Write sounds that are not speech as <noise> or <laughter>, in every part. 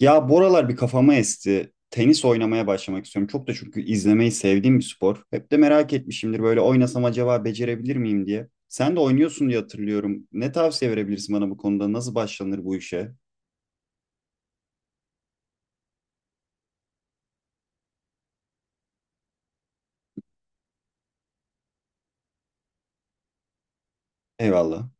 Ya bu aralar bir kafama esti. Tenis oynamaya başlamak istiyorum. Çok da çünkü izlemeyi sevdiğim bir spor. Hep de merak etmişimdir böyle oynasam acaba becerebilir miyim diye. Sen de oynuyorsun diye hatırlıyorum. Ne tavsiye verebilirsin bana bu konuda? Nasıl başlanır bu işe? Eyvallah.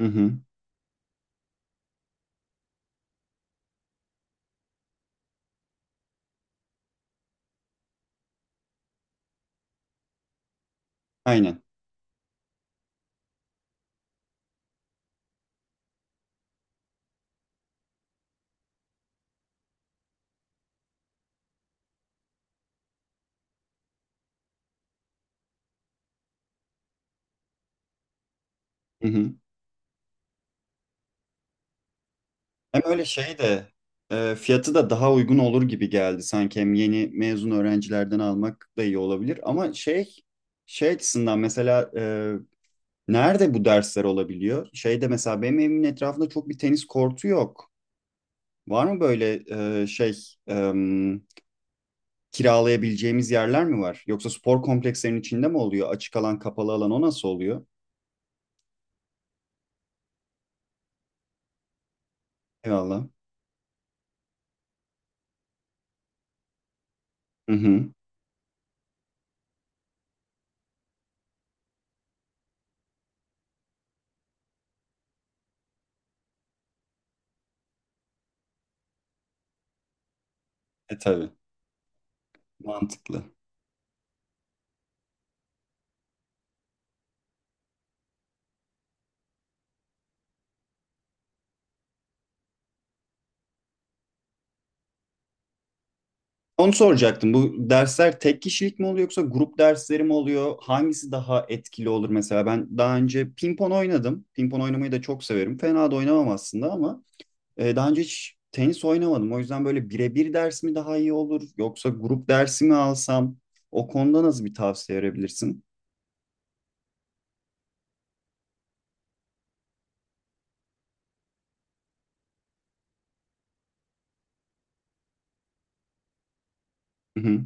Hı hı. Aynen. Hı hı. Hem öyle şey de fiyatı da daha uygun olur gibi geldi sanki. Hem yeni mezun öğrencilerden almak da iyi olabilir. Ama şey şey açısından mesela nerede bu dersler olabiliyor? Şeyde mesela benim evimin etrafında çok bir tenis kortu yok. Var mı böyle e, şey e, kiralayabileceğimiz yerler mi var? Yoksa spor komplekslerinin içinde mi oluyor? Açık alan, kapalı alan o nasıl oluyor? Eyvallah. Hı hı. E tabii. Mantıklı. Onu soracaktım. Bu dersler tek kişilik mi oluyor yoksa grup dersleri mi oluyor? Hangisi daha etkili olur mesela? Ben daha önce pimpon oynadım. Pimpon oynamayı da çok severim. Fena da oynamam aslında ama daha önce hiç tenis oynamadım. O yüzden böyle birebir ders mi daha iyi olur yoksa grup dersi mi alsam? O konuda nasıl bir tavsiye verebilirsin? Hı hı.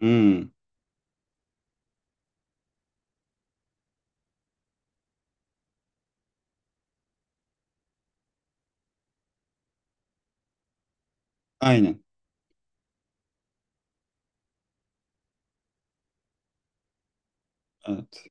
Hmm, aynen. Evet.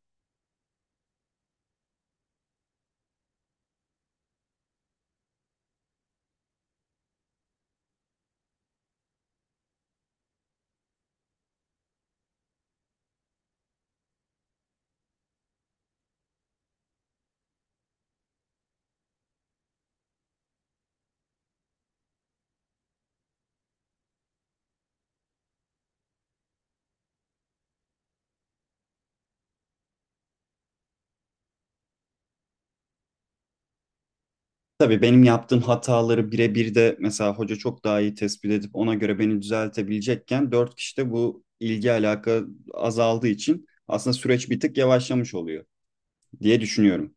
Tabii benim yaptığım hataları birebir de mesela hoca çok daha iyi tespit edip ona göre beni düzeltebilecekken dört kişide bu ilgi alaka azaldığı için aslında süreç bir tık yavaşlamış oluyor diye düşünüyorum.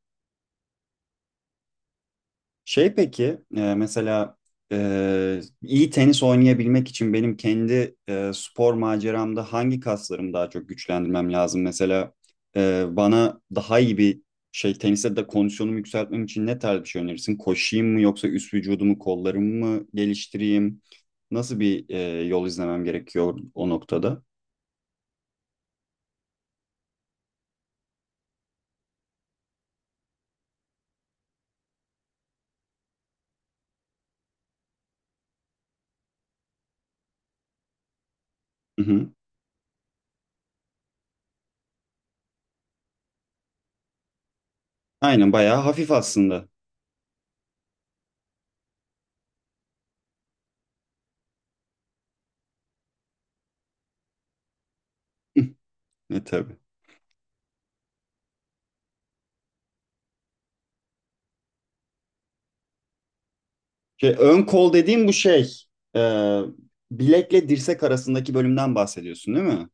Şey peki mesela iyi tenis oynayabilmek için benim kendi spor maceramda hangi kaslarımı daha çok güçlendirmem lazım? Mesela bana daha iyi bir şey teniste de kondisyonumu yükseltmem için ne tarz bir şey önerirsin? Koşayım mı yoksa üst vücudumu kollarımı mı geliştireyim? Nasıl bir yol izlemem gerekiyor o noktada? Hı hı. Aynen bayağı hafif aslında. <laughs> E, tabii. Şey, ön kol dediğim bu şey. e, Bilekle dirsek arasındaki bölümden bahsediyorsun değil mi?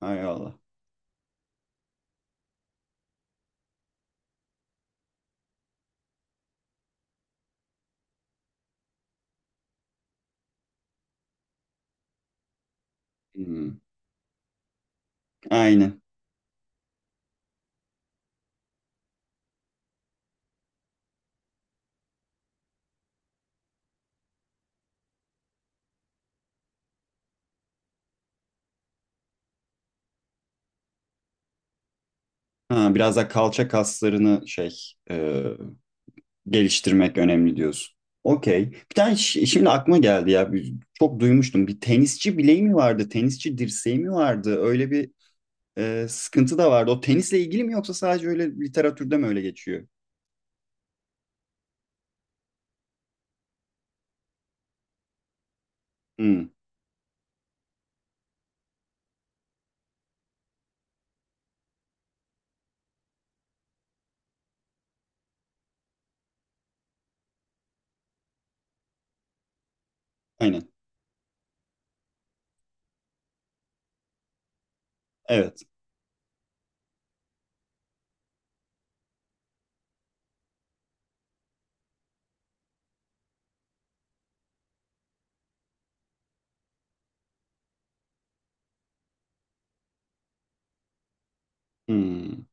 Hay Allah. Hmm, aynen. Ha, biraz da kalça kaslarını şey e, geliştirmek önemli diyorsun. Okey. Bir tane şimdi aklıma geldi ya. Çok duymuştum. Bir tenisçi bileği mi vardı? Tenisçi dirseği mi vardı? Öyle bir sıkıntı da vardı. O tenisle ilgili mi yoksa sadece öyle literatürde mi öyle geçiyor? Hmm, aynen. Evet. Hmm.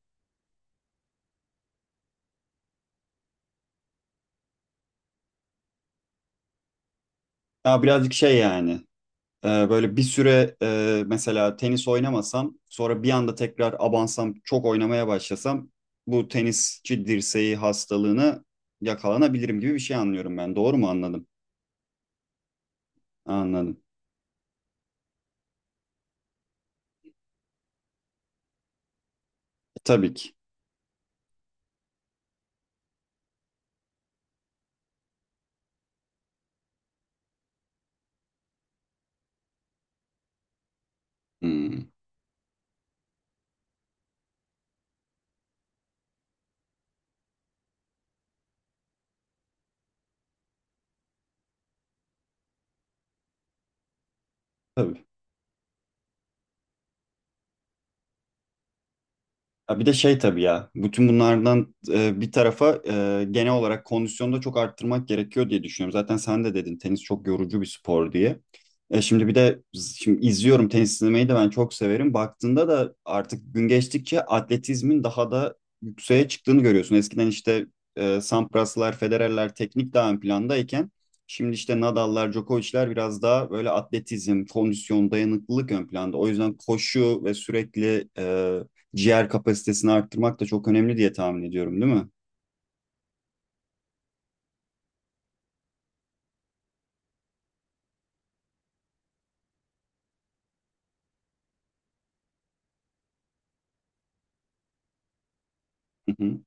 Ya birazcık şey yani. Böyle bir süre mesela tenis oynamasam sonra bir anda tekrar abansam çok oynamaya başlasam bu tenisçi dirseği hastalığını yakalanabilirim gibi bir şey anlıyorum ben. Doğru mu anladım? Anladım. Tabii ki. Hmm. Tabii. Ya bir de şey tabii ya, bütün bunlardan bir tarafa genel olarak kondisyonu da çok arttırmak gerekiyor diye düşünüyorum. Zaten sen de dedin tenis çok yorucu bir spor diye. E, şimdi bir de şimdi izliyorum, tenis izlemeyi de ben çok severim. Baktığında da artık gün geçtikçe atletizmin daha da yükseğe çıktığını görüyorsun. Eskiden işte Sampraslar, Federerler teknik daha ön plandayken şimdi işte Nadal'lar, Djokovic'ler biraz daha böyle atletizm, kondisyon, dayanıklılık ön planda. O yüzden koşu ve sürekli ciğer kapasitesini arttırmak da çok önemli diye tahmin ediyorum, değil mi? Hı hı,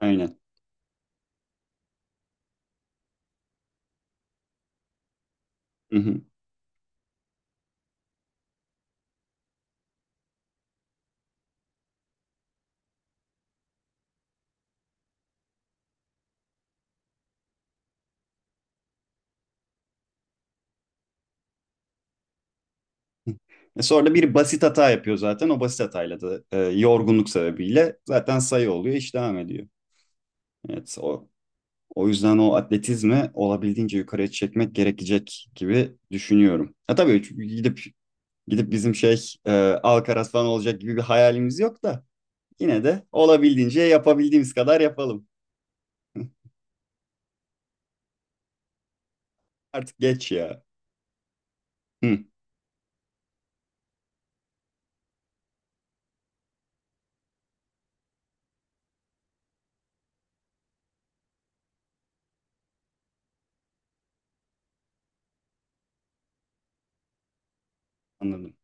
aynen. Hı hı. E sonra da bir basit hata yapıyor zaten. O basit hatayla da yorgunluk sebebiyle zaten sayı oluyor, iş devam ediyor. Evet, o yüzden o atletizmi olabildiğince yukarıya çekmek gerekecek gibi düşünüyorum. Ha tabii gidip gidip bizim şey Alcaraz falan olacak gibi bir hayalimiz yok da yine de olabildiğince yapabildiğimiz kadar yapalım. Artık geç ya. Hı, anladım.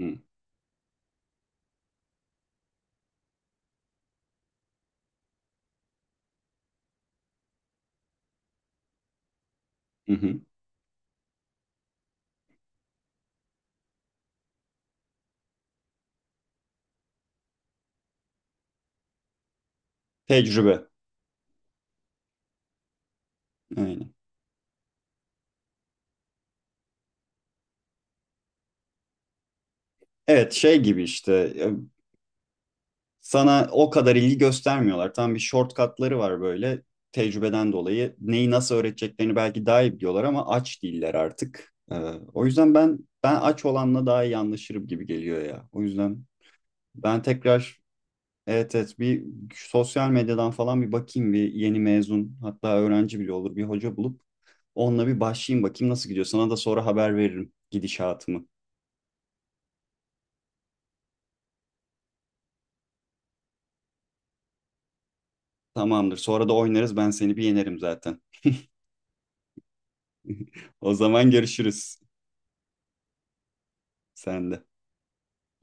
Hı, hı, hı. Tecrübe. Aynen. Evet şey gibi işte e, sana o kadar ilgi göstermiyorlar. Tam bir shortcutları var böyle tecrübeden dolayı. Neyi nasıl öğreteceklerini belki daha iyi biliyorlar ama aç değiller artık. O yüzden ben aç olanla daha iyi anlaşırım gibi geliyor ya. O yüzden ben tekrar, evet evet, bir sosyal medyadan falan bir bakayım, bir yeni mezun hatta öğrenci bile olur bir hoca bulup onunla bir başlayayım, bakayım nasıl gidiyor. Sana da sonra haber veririm gidişatımı. Tamamdır. Sonra da oynarız, ben seni bir yenerim zaten. O zaman görüşürüz. Sen de.